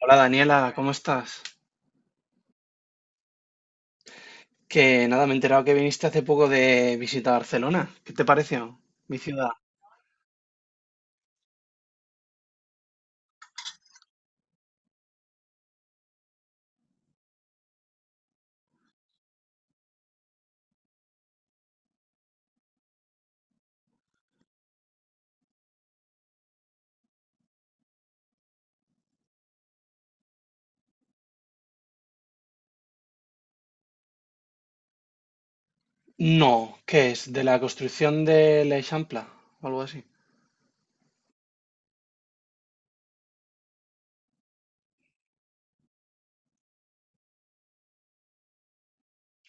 Hola Daniela, ¿cómo estás? Que nada, me he enterado que viniste hace poco de visita a Barcelona. ¿Qué te pareció mi ciudad? No, ¿qué es? ¿De la construcción de l'Eixample o algo así?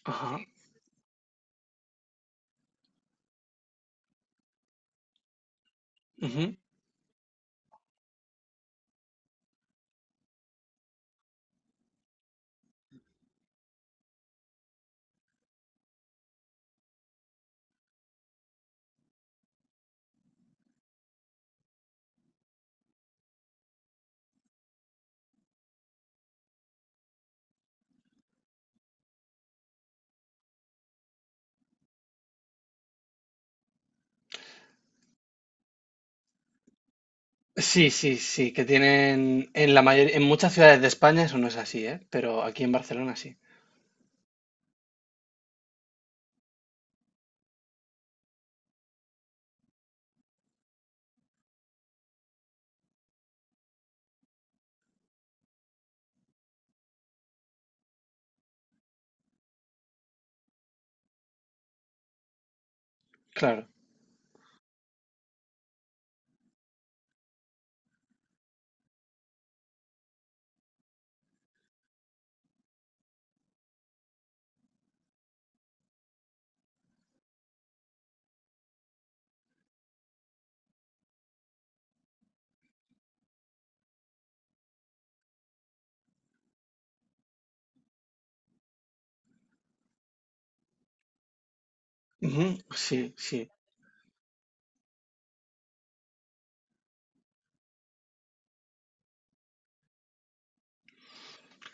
Ajá. Ujú. Sí, sí, sí, que tienen en la mayor, en muchas ciudades de España eso no es así, ¿eh? Pero aquí en Barcelona sí. Claro. Ujú. Sí, sí.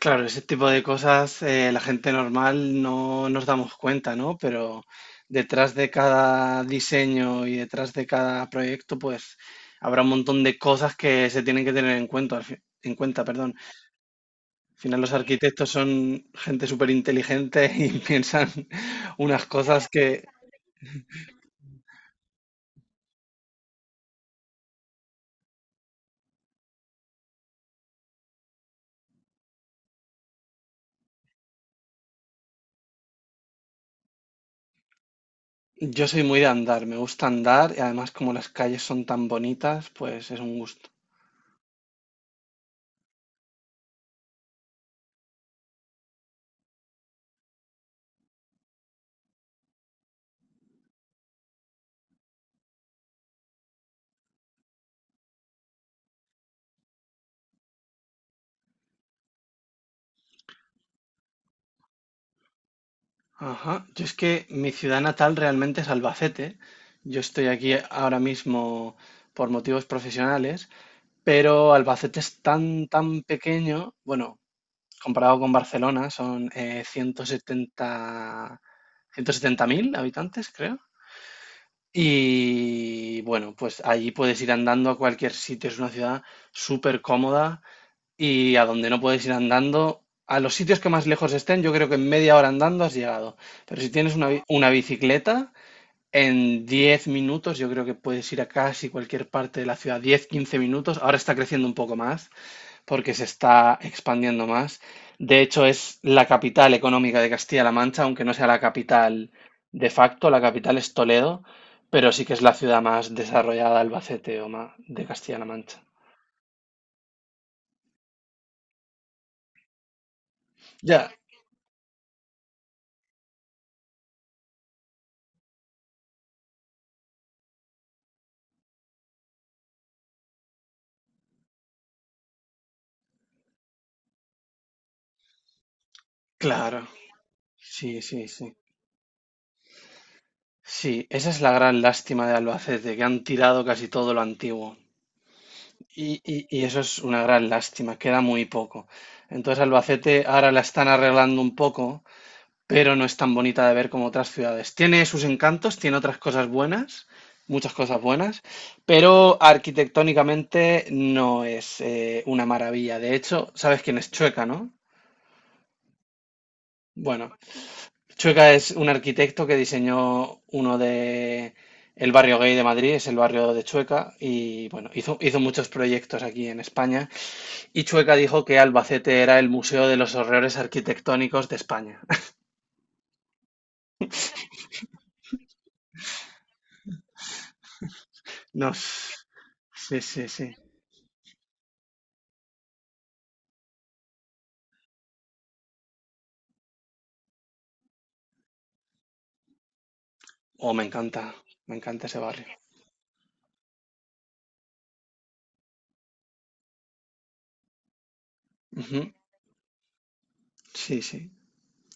Claro, ese tipo de cosas la gente normal no nos damos cuenta, ¿no? Pero detrás de cada diseño y detrás de cada proyecto, pues habrá un montón de cosas que se tienen que tener en cuenta, en cuenta, perdón. Al final los arquitectos son gente súper inteligente y piensan unas cosas que. Yo soy muy de andar, me gusta andar y además como las calles son tan bonitas, pues es un gusto. Ajá, yo es que mi ciudad natal realmente es Albacete. Yo estoy aquí ahora mismo por motivos profesionales, pero Albacete es tan, tan pequeño, bueno, comparado con Barcelona, son 170 mil habitantes, creo. Y bueno, pues allí puedes ir andando a cualquier sitio, es una ciudad súper cómoda, y a donde no puedes ir andando. A los sitios que más lejos estén, yo creo que en media hora andando has llegado. Pero si tienes una bicicleta, en 10 minutos yo creo que puedes ir a casi cualquier parte de la ciudad. 10 15 minutos. Ahora está creciendo un poco más porque se está expandiendo más. De hecho, es la capital económica de Castilla-La Mancha, aunque no sea la capital de facto. La capital es Toledo, pero sí que es la ciudad más desarrollada, Albacete o más de Castilla-La Mancha. Ya, claro. Sí, sí, sí. Sí, esa es la gran lástima de Albacete, que han tirado casi todo lo antiguo. Y eso es una gran lástima, queda muy poco. Entonces Albacete ahora la están arreglando un poco, pero no es tan bonita de ver como otras ciudades. Tiene sus encantos, tiene otras cosas buenas, muchas cosas buenas, pero arquitectónicamente no es una maravilla. De hecho, sabes quién es Chueca, ¿no? Bueno, Chueca es un arquitecto que diseñó uno de el barrio gay de Madrid, es el barrio de Chueca, y bueno, hizo, muchos proyectos aquí en España. Y Chueca dijo que Albacete era el museo de los horrores arquitectónicos de España. Nos. Sí, sí, sí. Oh, me encanta ese barrio. Ujú. Sí, sí.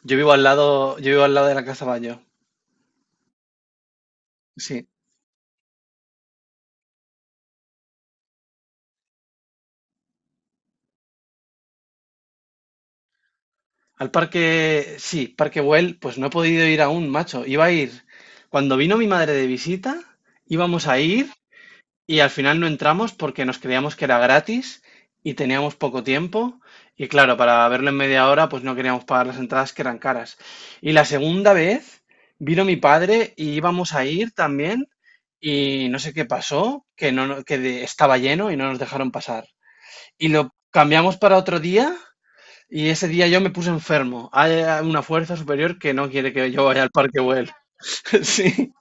Yo vivo al lado, yo vivo al lado de la Casa Bayo. Sí. Al parque, sí, Parque Güell, pues no he podido ir aún, macho. Iba a ir. Cuando vino mi madre de visita, íbamos a ir. Y al final no entramos porque nos creíamos que era gratis y teníamos poco tiempo. Y claro, para verlo en media hora, pues no queríamos pagar las entradas que eran caras. Y la segunda vez vino mi padre y íbamos a ir también. Y no sé qué pasó, que, no, estaba lleno y no nos dejaron pasar. Y lo cambiamos para otro día. Y ese día yo me puse enfermo. Hay una fuerza superior que no quiere que yo vaya al Parque Güell. Sí.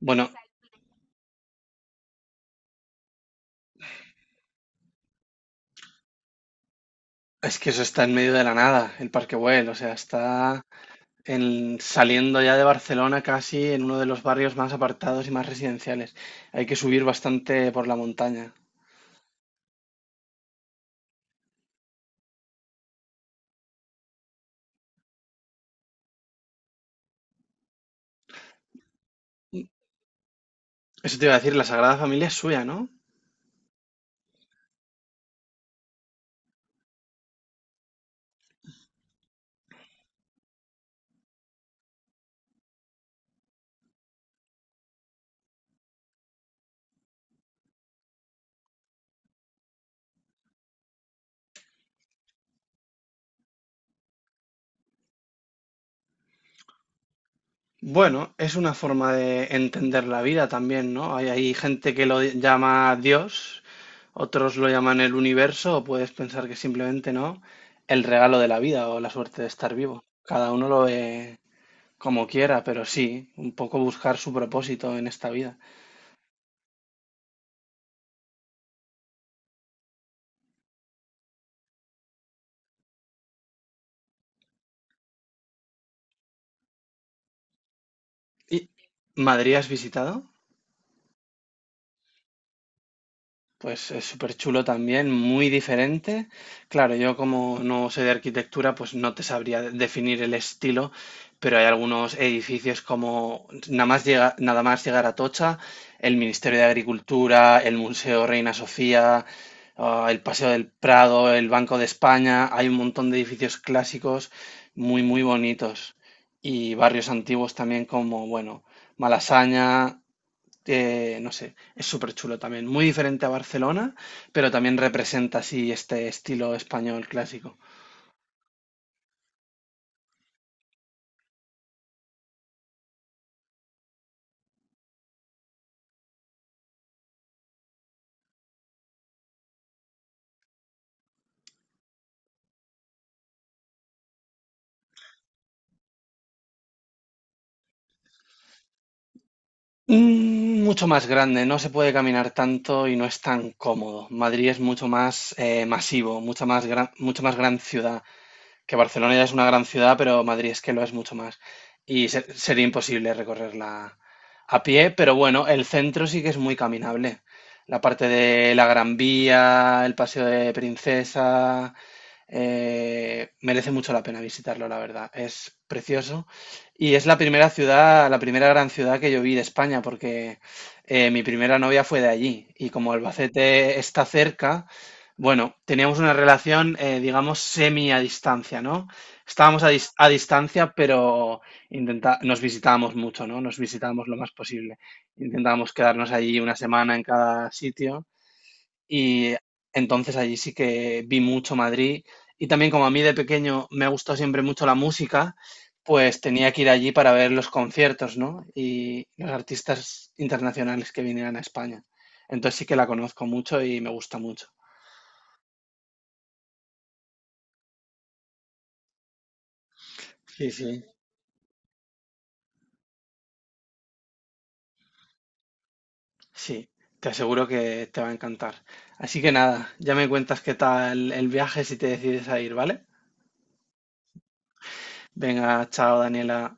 Bueno, es que eso está en medio de la nada, el Parque Güell, o sea, está saliendo ya de Barcelona casi en uno de los barrios más apartados y más residenciales. Hay que subir bastante por la montaña. Eso te iba a decir, la Sagrada Familia es suya, ¿no? Bueno, es una forma de entender la vida también, ¿no? Hay gente que lo llama Dios, otros lo llaman el universo, o puedes pensar que simplemente, ¿no? El regalo de la vida o la suerte de estar vivo. Cada uno lo ve como quiera, pero sí, un poco buscar su propósito en esta vida. ¿Y Madrid has visitado? Pues es súper chulo también, muy diferente. Claro, yo como no sé de arquitectura, pues no te sabría definir el estilo, pero hay algunos edificios como nada más llega, nada más llegar a Tocha, el Ministerio de Agricultura, el Museo Reina Sofía, ah, el Paseo del Prado, el Banco de España, hay un montón de edificios clásicos muy, muy bonitos. Y barrios antiguos también como, bueno, Malasaña, no sé, es súper chulo también. Muy diferente a Barcelona, pero también representa así este estilo español clásico. Mucho más grande, no se puede caminar tanto y no es tan cómodo. Madrid es mucho más masivo, mucha más gran, mucho más gran ciudad, que Barcelona ya es una gran ciudad, pero Madrid es que lo es mucho más. Y sería imposible recorrerla a pie, pero bueno, el centro sí que es muy caminable. La parte de la Gran Vía, el Paseo de Princesa, merece mucho la pena visitarlo, la verdad. Es precioso. Y es la primera ciudad, la primera gran ciudad que yo vi de España, porque mi primera novia fue de allí. Y como Albacete está cerca, bueno, teníamos una relación, digamos, semi a distancia, ¿no? Estábamos a distancia, pero intenta nos visitábamos mucho, ¿no? Nos visitábamos lo más posible. Intentábamos quedarnos allí una semana en cada sitio y entonces allí sí que vi mucho Madrid. Y también como a mí de pequeño me ha gustado siempre mucho la música, pues tenía que ir allí para ver los conciertos, ¿no? Y los artistas internacionales que vinieran a España. Entonces sí que la conozco mucho y me gusta mucho. Sí, sí. Sí, te aseguro que te va a encantar. Así que nada, ya me cuentas qué tal el viaje si te decides a ir, ¿vale? Venga, chao, Daniela.